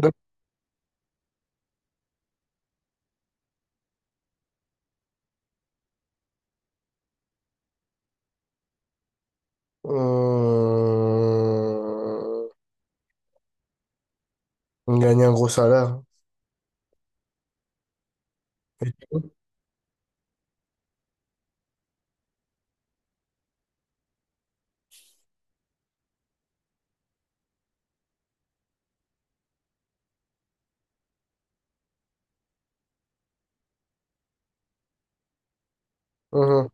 D'accord. Euh, Gagner un gros salaire. Mhm.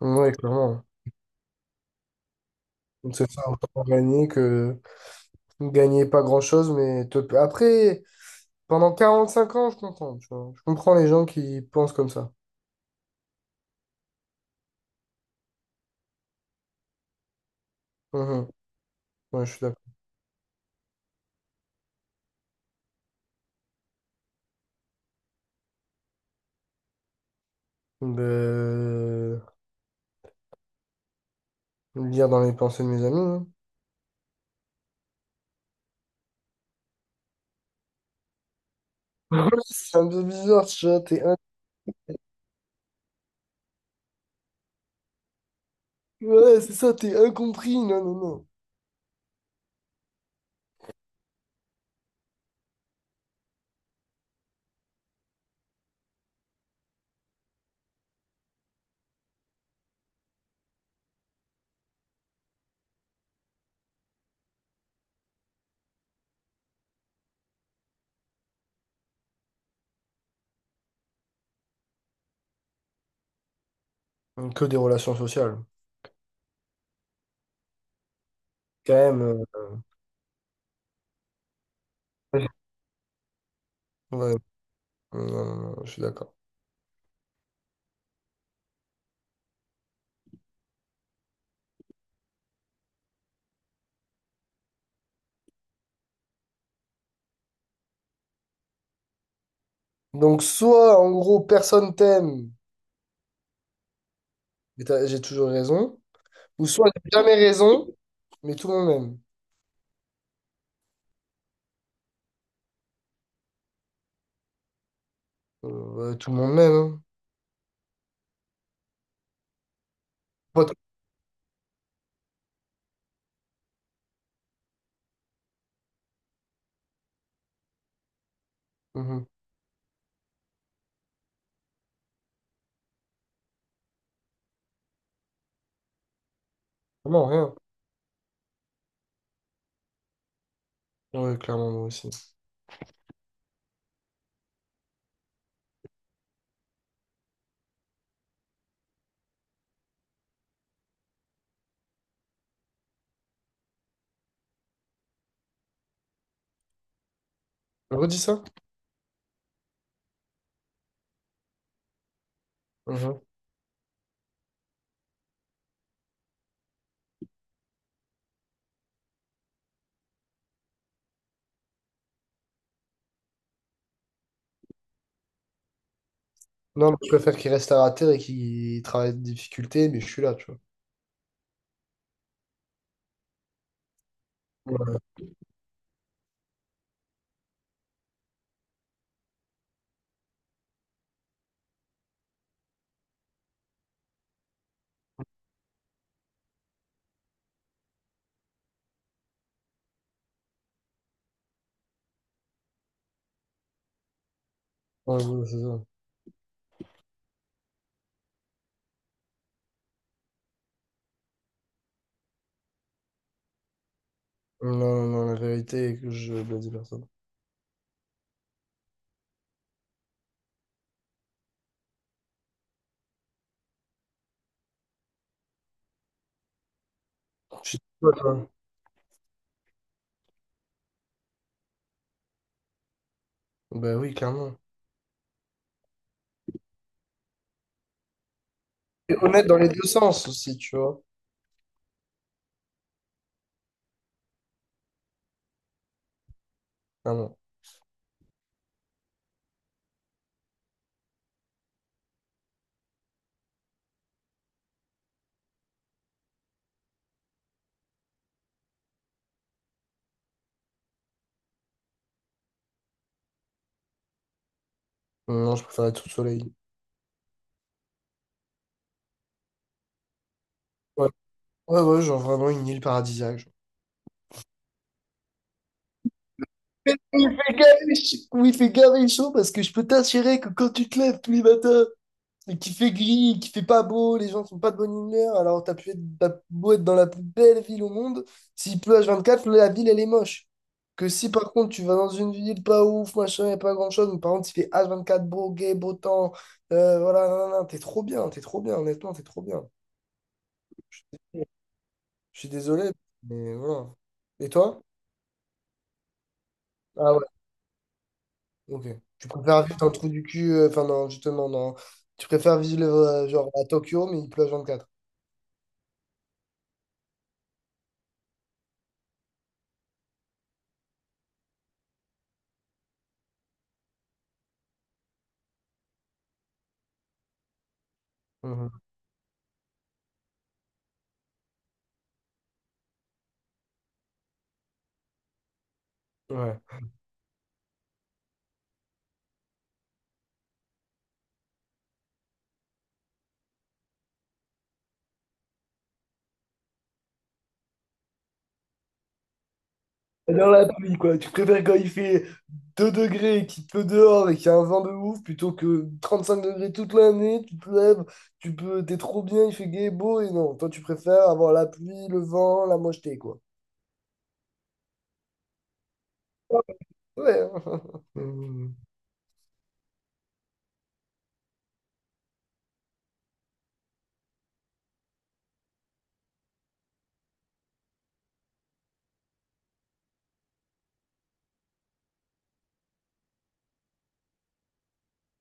Oui, clairement. C'est ça, autant gagner que gagner pas grand-chose, mais après, pendant 45 ans, je comprends, tu vois. Je comprends les gens qui pensent comme ça. Mhm. Ouais, je suis d'accord. Ben, lire dans les pensées de mes amis, hein. C'est un peu bizarre, tu vois. Ouais, c'est ça, t'es incompris. Non, non, non. Que des relations sociales. Quand même. euh, Ouais. Non, non, non, je suis d'accord. Donc, soit en gros, personne t'aime, mais j'ai toujours raison, ou soit j'ai jamais raison, mais tout le monde m'aime. Euh, ouais, tout le monde m'aime, hein. Pas tout- Mhm. Vraiment rien. Ouais, clairement, moi aussi. Redis ça? Mhm. Non, mais je préfère qu'il reste à la terre et qu'il travaille de difficulté, mais je suis là, tu vois. Ouais, ouais, ouais, c'est ça. Non, non, non, la vérité est que je blase personne. Je suis toi, toi. Bah oui, clairement. Et honnête dans les deux sens aussi, tu vois. Ah non, non, je préfère être sous le soleil. Ouais, ouais, ouais, genre vraiment une île paradisiaque, genre. Il fait gavé ch- Oui, il fait gavé chaud parce que je peux t'assurer que quand tu te lèves tous les matins et qu'il fait gris, qu'il fait pas beau, les gens sont pas de bonne humeur, alors t'as beau être dans la plus belle ville au monde, s'il pleut H24, la ville elle est moche. Que si par contre tu vas dans une ville pas ouf, machin, et pas grand chose, mais par contre il fait H24 beau, gay, beau temps, voilà, nan, nan, nan, t'es trop bien, honnêtement, t'es trop bien. Je suis désolé, mais voilà. Et toi? Ah ouais, ok. Tu préfères vivre dans le trou du cul, enfin non, justement, non. Tu préfères vivre genre à Tokyo, mais il pleut à 24. Mhm. Ouais. Et dans la pluie, quoi. Tu préfères quand il fait 2 degrés, et qu'il pleut dehors et qu'il y a un vent de ouf, plutôt que 35 degrés toute l'année, tu te lèves, tu peux, t'es trop bien, il fait gai et beau, et non. Toi, tu préfères avoir la pluie, le vent, la mocheté, quoi. Ouais. Mhm.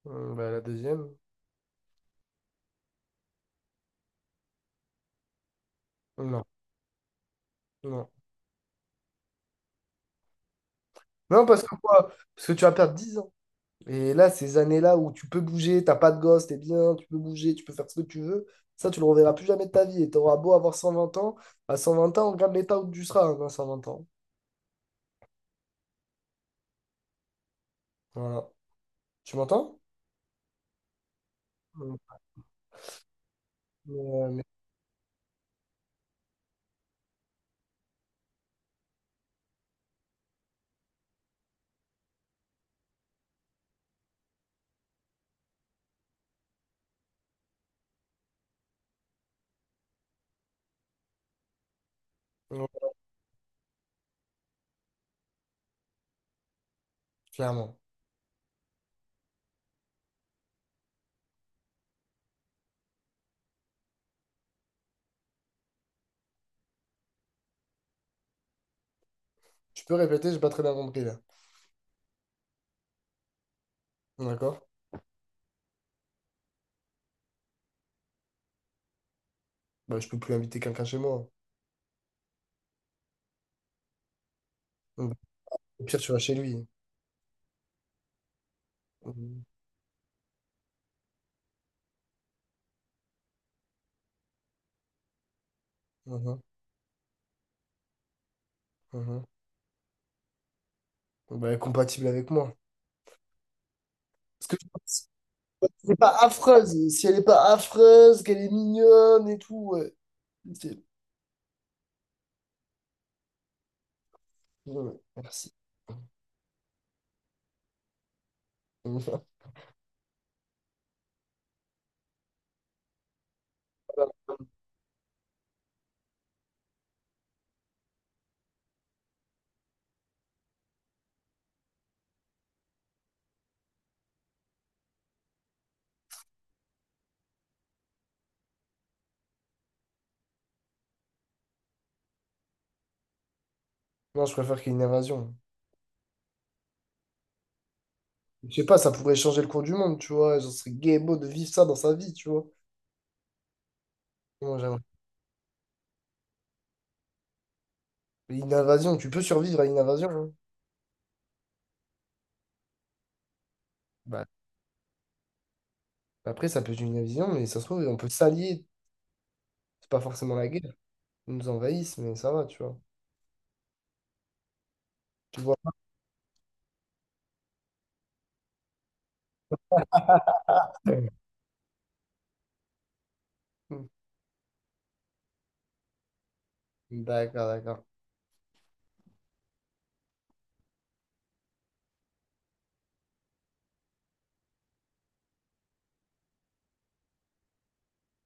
Bah, la deuxième? Non. Non. Non, parce que quoi? Parce que tu vas perdre 10 ans. Et là, ces années-là où tu peux bouger, t'as pas de gosse, t'es bien, tu peux bouger, tu peux faire ce que tu veux, ça, tu le reverras plus jamais de ta vie. Et t'auras beau avoir 120 ans, à 120 ans, regarde l'état où tu seras hein, à 120 ans. Voilà. Tu m'entends? Mm. Euh, mais- ouais, clairement. Tu peux répéter, j'ai pas très bien compris là. D'accord? Bah, je peux plus inviter quelqu'un chez moi. Mm. Au pire, tu vas chez lui. Mhm. Mhm. Mhm. Bah, compatible avec moi. Parce que c'est pas affreuse. Si elle est pas affreuse, qu'elle est mignonne et tout, ouais. Ok. Ouais, merci. Non, je préfère qu'il y ait une invasion. Je sais pas, ça pourrait changer le cours du monde, tu vois. Genre, ce serait gay beau de vivre ça dans sa vie, tu vois. Moi, j'aimerais. Une invasion, tu peux survivre à une invasion, hein. Bah, après, ça peut être une invasion, mais ça se trouve, on peut s'allier. C'est pas forcément la guerre. Ils nous envahissent, mais ça va, tu vois. Tu vois. D'accord, d'accord.